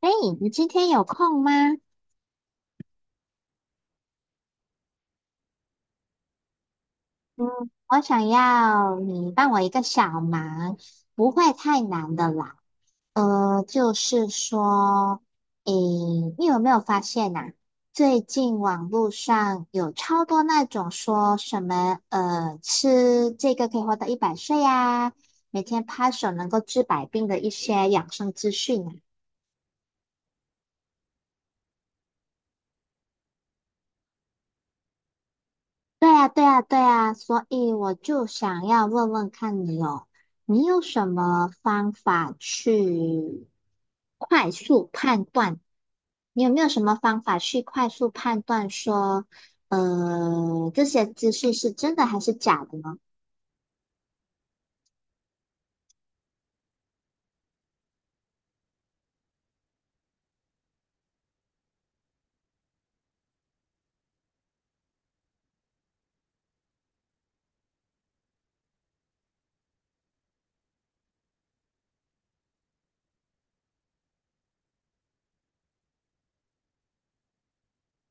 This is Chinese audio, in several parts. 哎，你今天有空吗？嗯，我想要你帮我一个小忙，不会太难的啦。呃，就是说，诶，你有没有发现呐、最近网络上有超多那种说什么，吃这个可以活到100岁呀、每天拍手能够治百病的一些养生资讯啊。对呀，对呀，对呀，所以我就想要问问看你哦，你有什么方法去快速判断？你有没有什么方法去快速判断说，这些资讯是真的还是假的呢？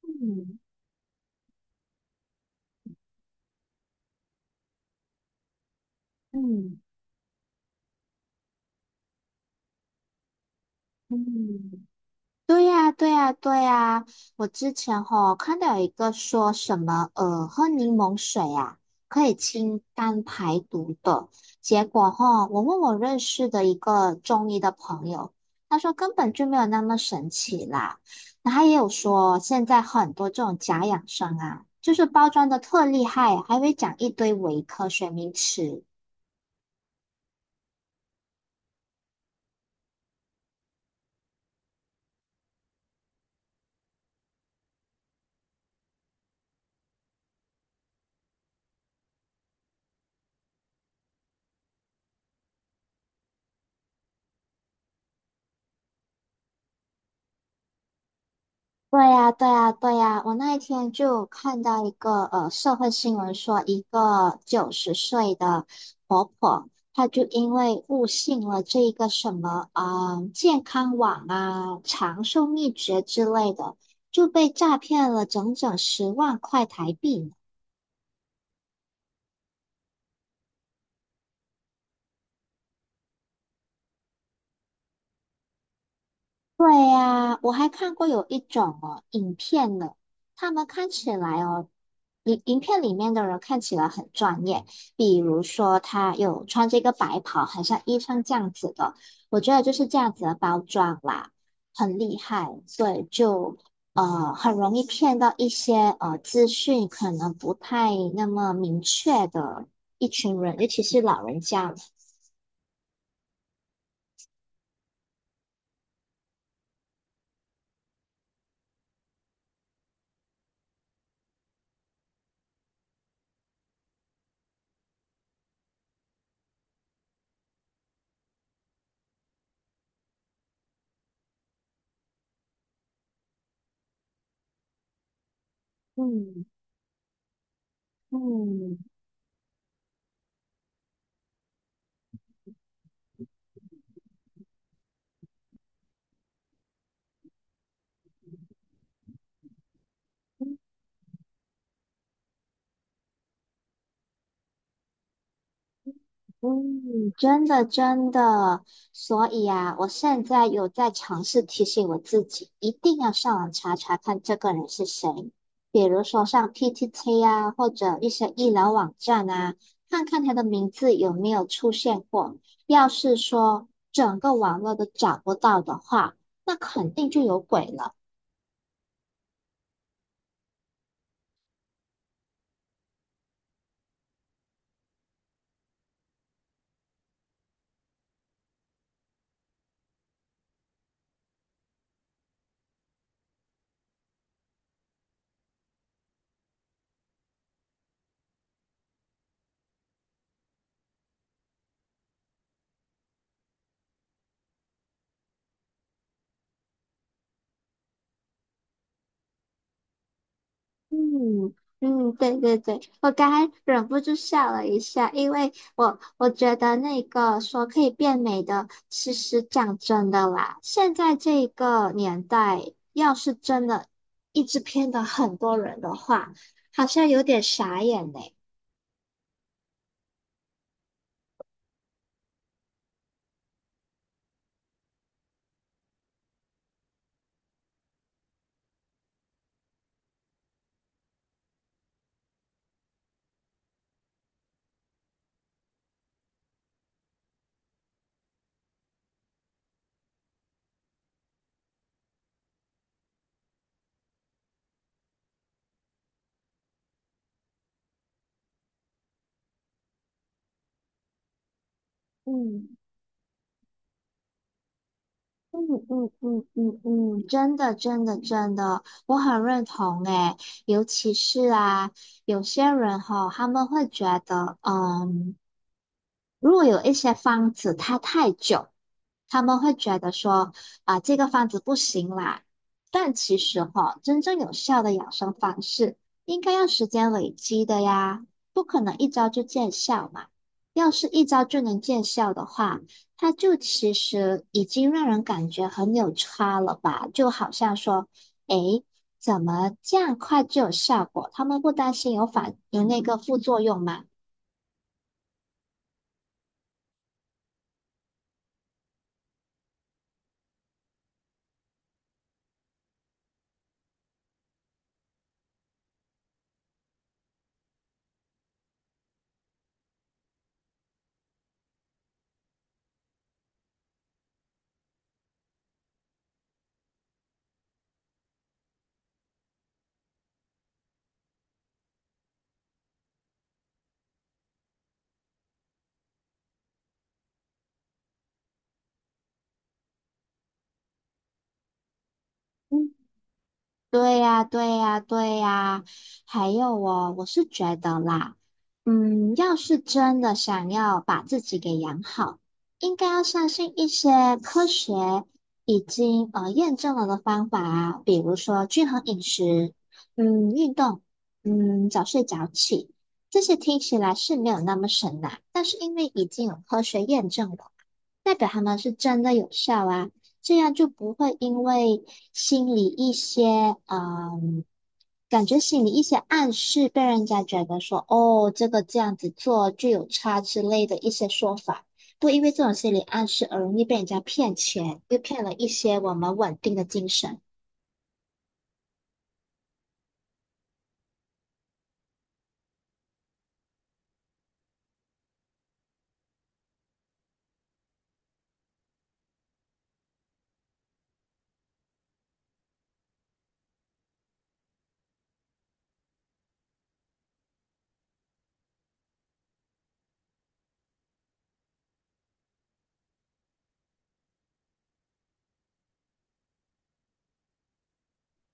嗯嗯嗯。对呀，对呀，对呀！我之前吼看到有一个说什么，喝柠檬水啊，可以清肝排毒的。结果吼，我问我认识的一个中医的朋友，他说根本就没有那么神奇啦。那他也有说，现在很多这种假养生啊，就是包装的特厉害，还会讲一堆伪科学名词。对呀，对呀，对呀！我那一天就看到一个社会新闻说，一个90岁的婆婆，她就因为误信了这个什么啊、健康网啊、长寿秘诀之类的，就被诈骗了整整10万块台币呢。对呀，我还看过有一种哦影片呢，他们看起来哦，影片里面的人看起来很专业，比如说他有穿这个白袍，很像医生这样子的，我觉得就是这样子的包装啦，很厉害，所以就很容易骗到一些资讯可能不太那么明确的一群人，尤其是老人家，嗯嗯。嗯嗯，真的真的，所以啊，我现在有在尝试提醒我自己，一定要上网查查看这个人是谁，比如说上 PTT 啊，或者一些医疗网站啊，看看他的名字有没有出现过。要是说整个网络都找不到的话，那肯定就有鬼了。嗯嗯，对对对，我刚才忍不住笑了一下，因为我觉得那个说可以变美的，其实讲真的啦，现在这个年代，要是真的一直骗到很多人的话，好像有点傻眼呢。嗯嗯嗯嗯嗯嗯，真的真的真的，我很认同诶，尤其是啊，有些人哈，他们会觉得，嗯。如果有一些方子它太久，他们会觉得说啊、这个方子不行啦。但其实哈、真正有效的养生方式应该要时间累积的呀，不可能一招就见效嘛。要是一招就能见效的话，它就其实已经让人感觉很有差了吧？就好像说，诶，怎么这样快就有效果？他们不担心有那个副作用吗？嗯。对呀，对呀，对呀，还有哦，我是觉得啦，嗯，要是真的想要把自己给养好，应该要相信一些科学已经验证了的方法啊，比如说均衡饮食，嗯，运动，嗯，早睡早起，这些听起来是没有那么神呐，但是因为已经有科学验证了。代表他们是真的有效啊，这样就不会因为心里一些嗯，感觉心里一些暗示被人家觉得说哦，这个这样子做就有差之类的一些说法，不因为这种心理暗示而容易被人家骗钱，又骗了一些我们稳定的精神。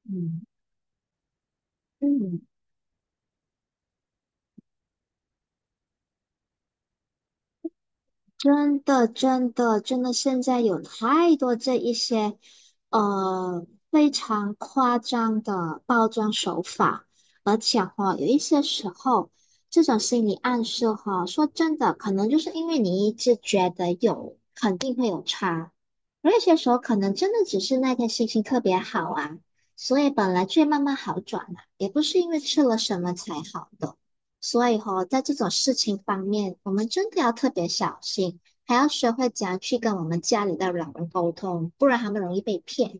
嗯。嗯。真的，真的，真的，现在有太多这一些，呃，非常夸张的包装手法，而且哈、有一些时候，这种心理暗示哈、说真的，可能就是因为你一直觉得有，肯定会有差，而有些时候可能真的只是那天心情特别好啊，所以本来就会慢慢好转了，也不是因为吃了什么才好的。所以哦，在这种事情方面，我们真的要特别小心，还要学会怎样去跟我们家里的老人沟通，不然他们容易被骗。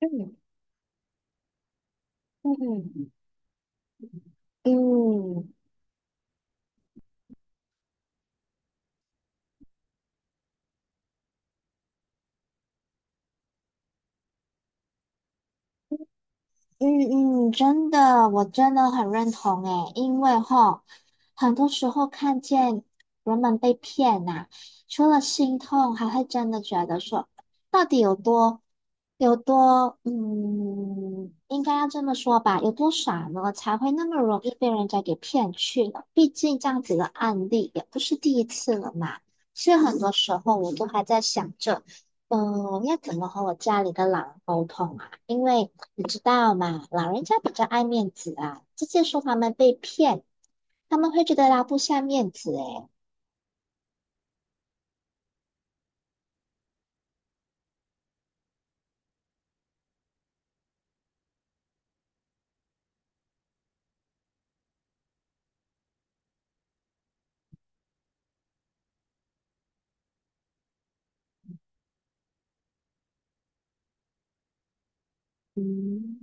嗯嗯嗯，嗯嗯，真的，我真的很认同诶，因为哈，很多时候看见人们被骗呐、除了心痛，还会真的觉得说，到底有多，嗯，应该要这么说吧，有多傻呢，才会那么容易被人家给骗去了？毕竟这样子的案例也不是第一次了嘛，所以很多时候我都还在想着。嗯，要怎么和我家里的老人沟通啊？因为你知道嘛，老人家比较爱面子啊，直接说他们被骗，他们会觉得拉不下面子诶。嗯，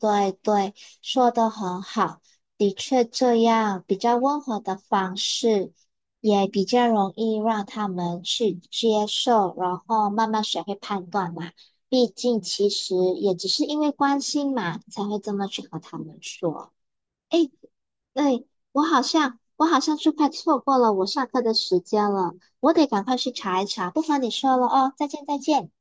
对对，说的很好，的确这样比较温和的方式，也比较容易让他们去接受，然后慢慢学会判断嘛。毕竟其实也只是因为关心嘛，才会这么去和他们说。诶，对，我好像是快错过了我上课的时间了，我得赶快去查一查。不妨你说了哦，再见再见。